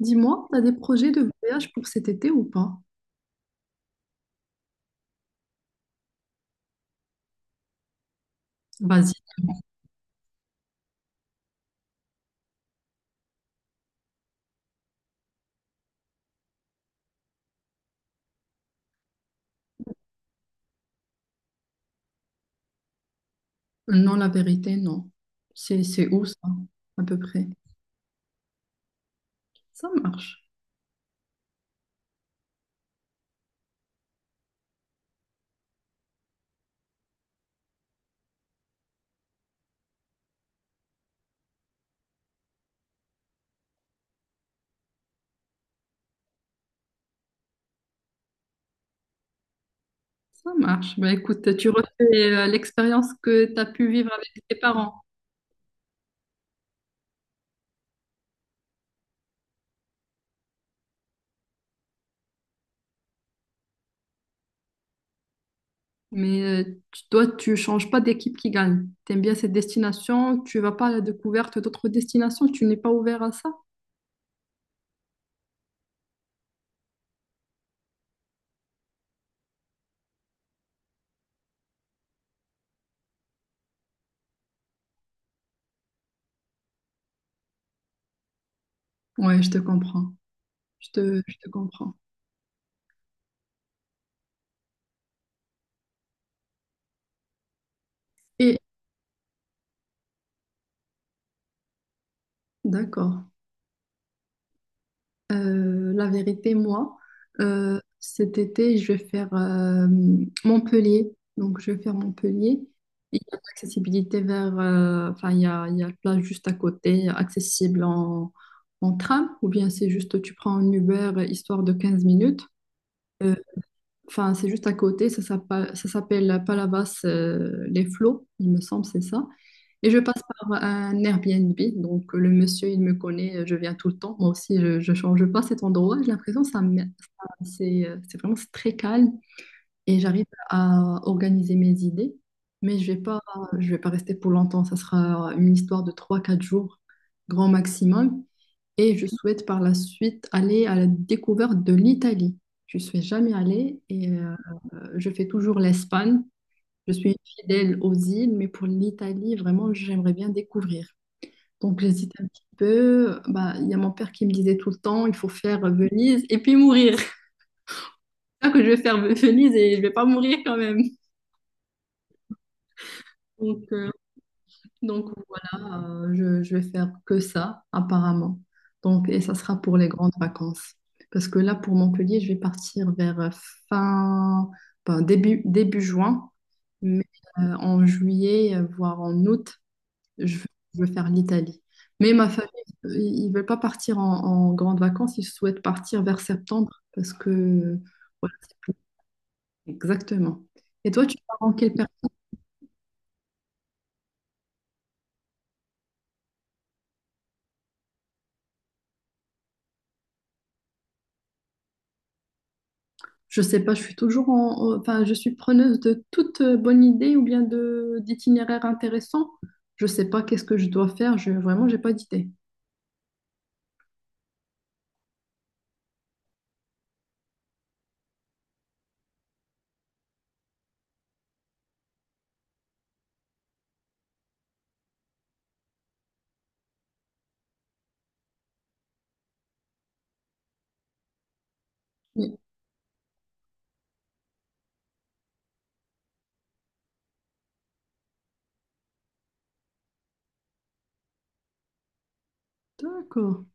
Dis-moi, t'as des projets de voyage pour cet été ou pas? Vas-y. Non, la vérité, non. C'est où ça, à peu près? Ça marche. Ça marche. Bah écoute, tu refais l'expérience que t'as pu vivre avec tes parents. Mais tu- toi, tu changes pas d'équipe qui gagne. T'aimes bien cette destination, tu vas pas à la découverte d'autres destinations, tu n'es pas ouvert à ça? Ouais, je te comprends. Je te comprends. Et d'accord. La vérité, moi, cet été, je vais faire Montpellier. Donc, je vais faire Montpellier. Il y a l'accessibilité vers... enfin, il y a la plage juste à côté, accessible en tram. Ou bien, c'est juste, tu prends un Uber, histoire de 15 minutes. Euh, Enfin, c'est juste à côté, ça s'appelle Palavas les Flots, il me semble, c'est ça. Et je passe par un Airbnb, donc le monsieur, il me connaît, je viens tout le temps. Moi aussi, je change pas cet endroit. J'ai l'impression que ça, me- ça- c'est vraiment c'est très calme et j'arrive à organiser mes idées. Mais je vais pas rester pour longtemps. Ça sera une histoire de trois, quatre jours, grand maximum. Et je souhaite par la suite aller à la découverte de l'Italie. Je suis jamais allée et je fais toujours l'Espagne. Je suis fidèle aux îles, mais pour l'Italie, vraiment, j'aimerais bien découvrir. Donc, j'hésite un petit peu. Bah, il y a mon père qui me disait tout le temps, il faut faire Venise et puis mourir. C'est ça que je vais faire Venise et je vais pas mourir quand même. Donc, euh, Donc voilà, je vais faire que ça, apparemment. Donc, et ça sera pour les grandes vacances. Parce que là, pour Montpellier, je vais partir vers fin, ben, début juin. Mais en juillet, voire en août, je veux, je veux faire l'Italie. Mais ma famille, ils ne veulent pas partir en grandes vacances, ils souhaitent partir vers septembre. Parce que, voilà, c'est plus- exactement. Et toi, tu pars en quelle Je sais pas, je suis toujours en, en- enfin, je suis preneuse de toute bonne idée ou bien de d'itinéraire intéressant. Je sais pas qu'est-ce que je dois faire. Je, vraiment, j'ai pas d'idée. Oui. D'accord.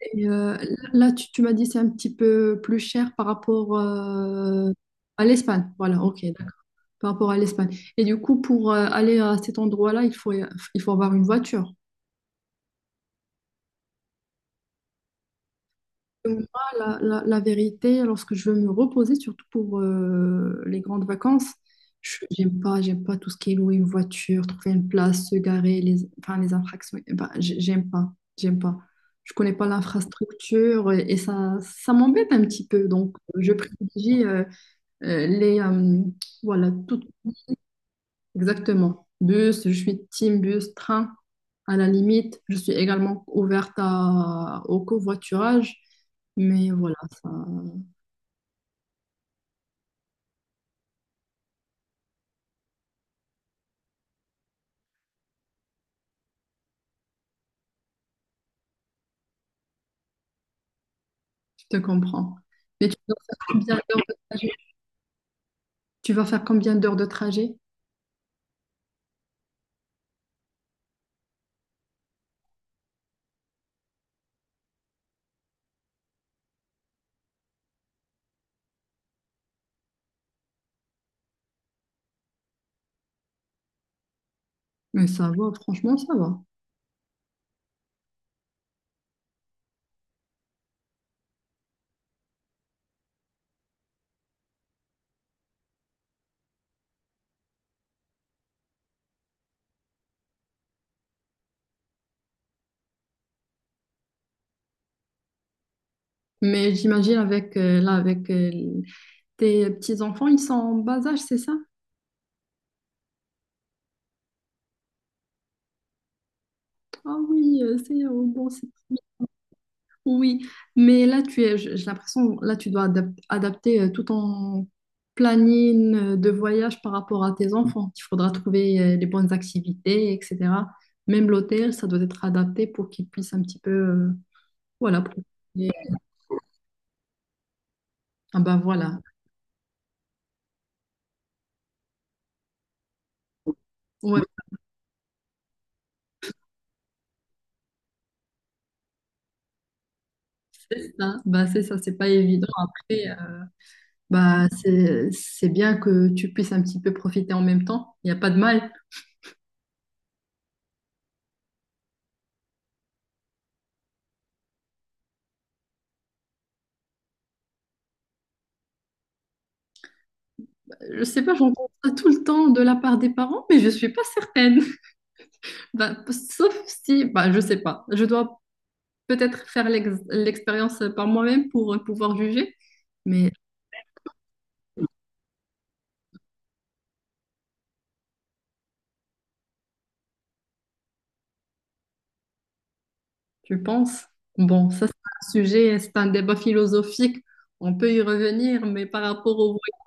Et là, tu m'as dit c'est un petit peu plus cher par rapport à l'Espagne. Voilà, ok, par rapport à l'Espagne. Et du coup, pour aller à cet endroit-là, il faut avoir une voiture. Donc, moi, la vérité, lorsque je veux me reposer, surtout pour les grandes vacances, j'aime pas tout ce qui est louer une voiture, trouver une place, se garer, les, enfin, les infractions. Eh ben, j'aime pas, j'aime pas. Je connais pas l'infrastructure et ça m'embête un petit peu. Donc, je privilégie euh, les, euh, voilà, tout exactement. Bus, je suis team bus, train. À la limite, je suis également ouverte à- au covoiturage, mais voilà, ça, je te comprends. Mais tu vas faire combien d'heures de trajet? Tu vas faire combien d'heures de trajet? Mais ça va, franchement, ça va. Mais j'imagine avec là, avec tes petits-enfants, ils sont en bas âge, c'est ça? Ah oui, c'est bon, c'est oui, mais là, tu es, j'ai l'impression, là, adapter tout ton planning de voyage par rapport à tes enfants. Il faudra trouver les bonnes activités, etc. Même l'hôtel, ça doit être adapté pour qu'ils puissent un petit peu, voilà, profiter. Ah bah voilà. Ouais, oui, c'est ça. Bah c'est ça, c'est pas évident. Après, bah c'est bien que tu puisses un petit peu profiter en même temps. Il n'y a pas de mal. Je sais pas, j'entends ça tout le temps de la part des parents, mais je suis pas certaine. Ben, sauf si, ben, je sais pas. Je dois peut-être faire l'expérience par moi-même pour pouvoir juger. Mais je pense, bon, ça c'est un sujet, c'est un débat philosophique. On peut y revenir, mais par rapport au voyage.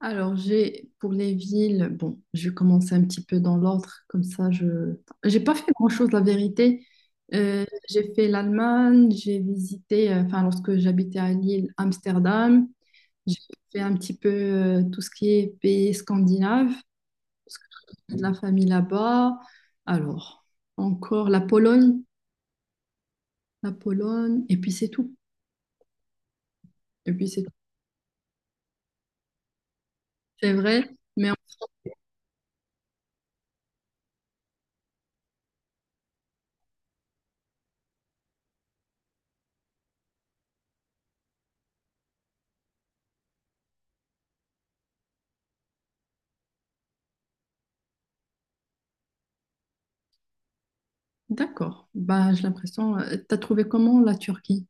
Alors j'ai pour les villes, bon, je vais commencer un petit peu dans l'ordre, comme ça je j'ai pas fait grand-chose la vérité. J'ai fait l'Allemagne, j'ai visité, enfin lorsque j'habitais à Lille, Amsterdam. J'ai fait un petit peu tout ce qui est pays scandinave, de la famille là-bas. Alors, encore la Pologne, et puis c'est tout. Et puis c'est tout. C'est vrai, mais en- d'accord. Bah, j'ai l'impression. T'as trouvé comment la Turquie?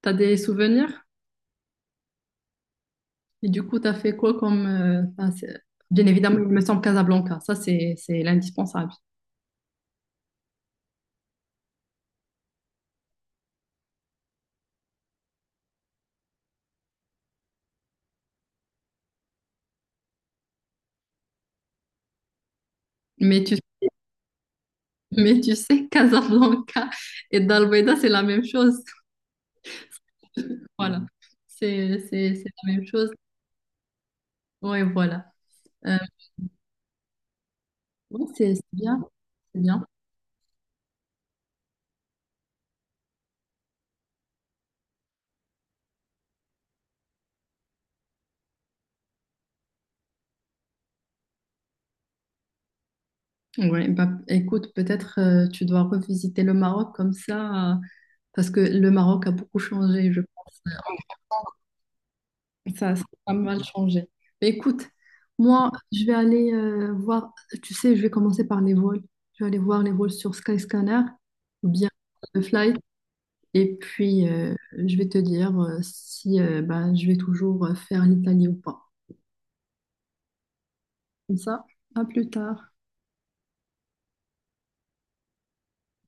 T'as des souvenirs? Et du coup, t'as fait quoi comme. Enfin, c'est- Bien évidemment, il me semble Casablanca. Ça, c'est l'indispensable. Mais tu, mais tu sais, Casablanca et Dalbeda, c'est la même chose. Voilà. C'est la même chose. Ouais, voilà. Euh, ouais, c'est bien. C'est bien. Ouais, bah, écoute, peut-être tu dois revisiter le Maroc comme ça, parce que le Maroc a beaucoup changé, je pense. Ça a pas mal changé. Mais écoute, moi, je vais aller voir, tu sais, je vais commencer par les vols. Je vais aller voir les vols sur Skyscanner ou bien le Flight. Et puis, je vais te dire si bah, je vais toujours faire l'Italie ou pas. Comme ça, à plus tard.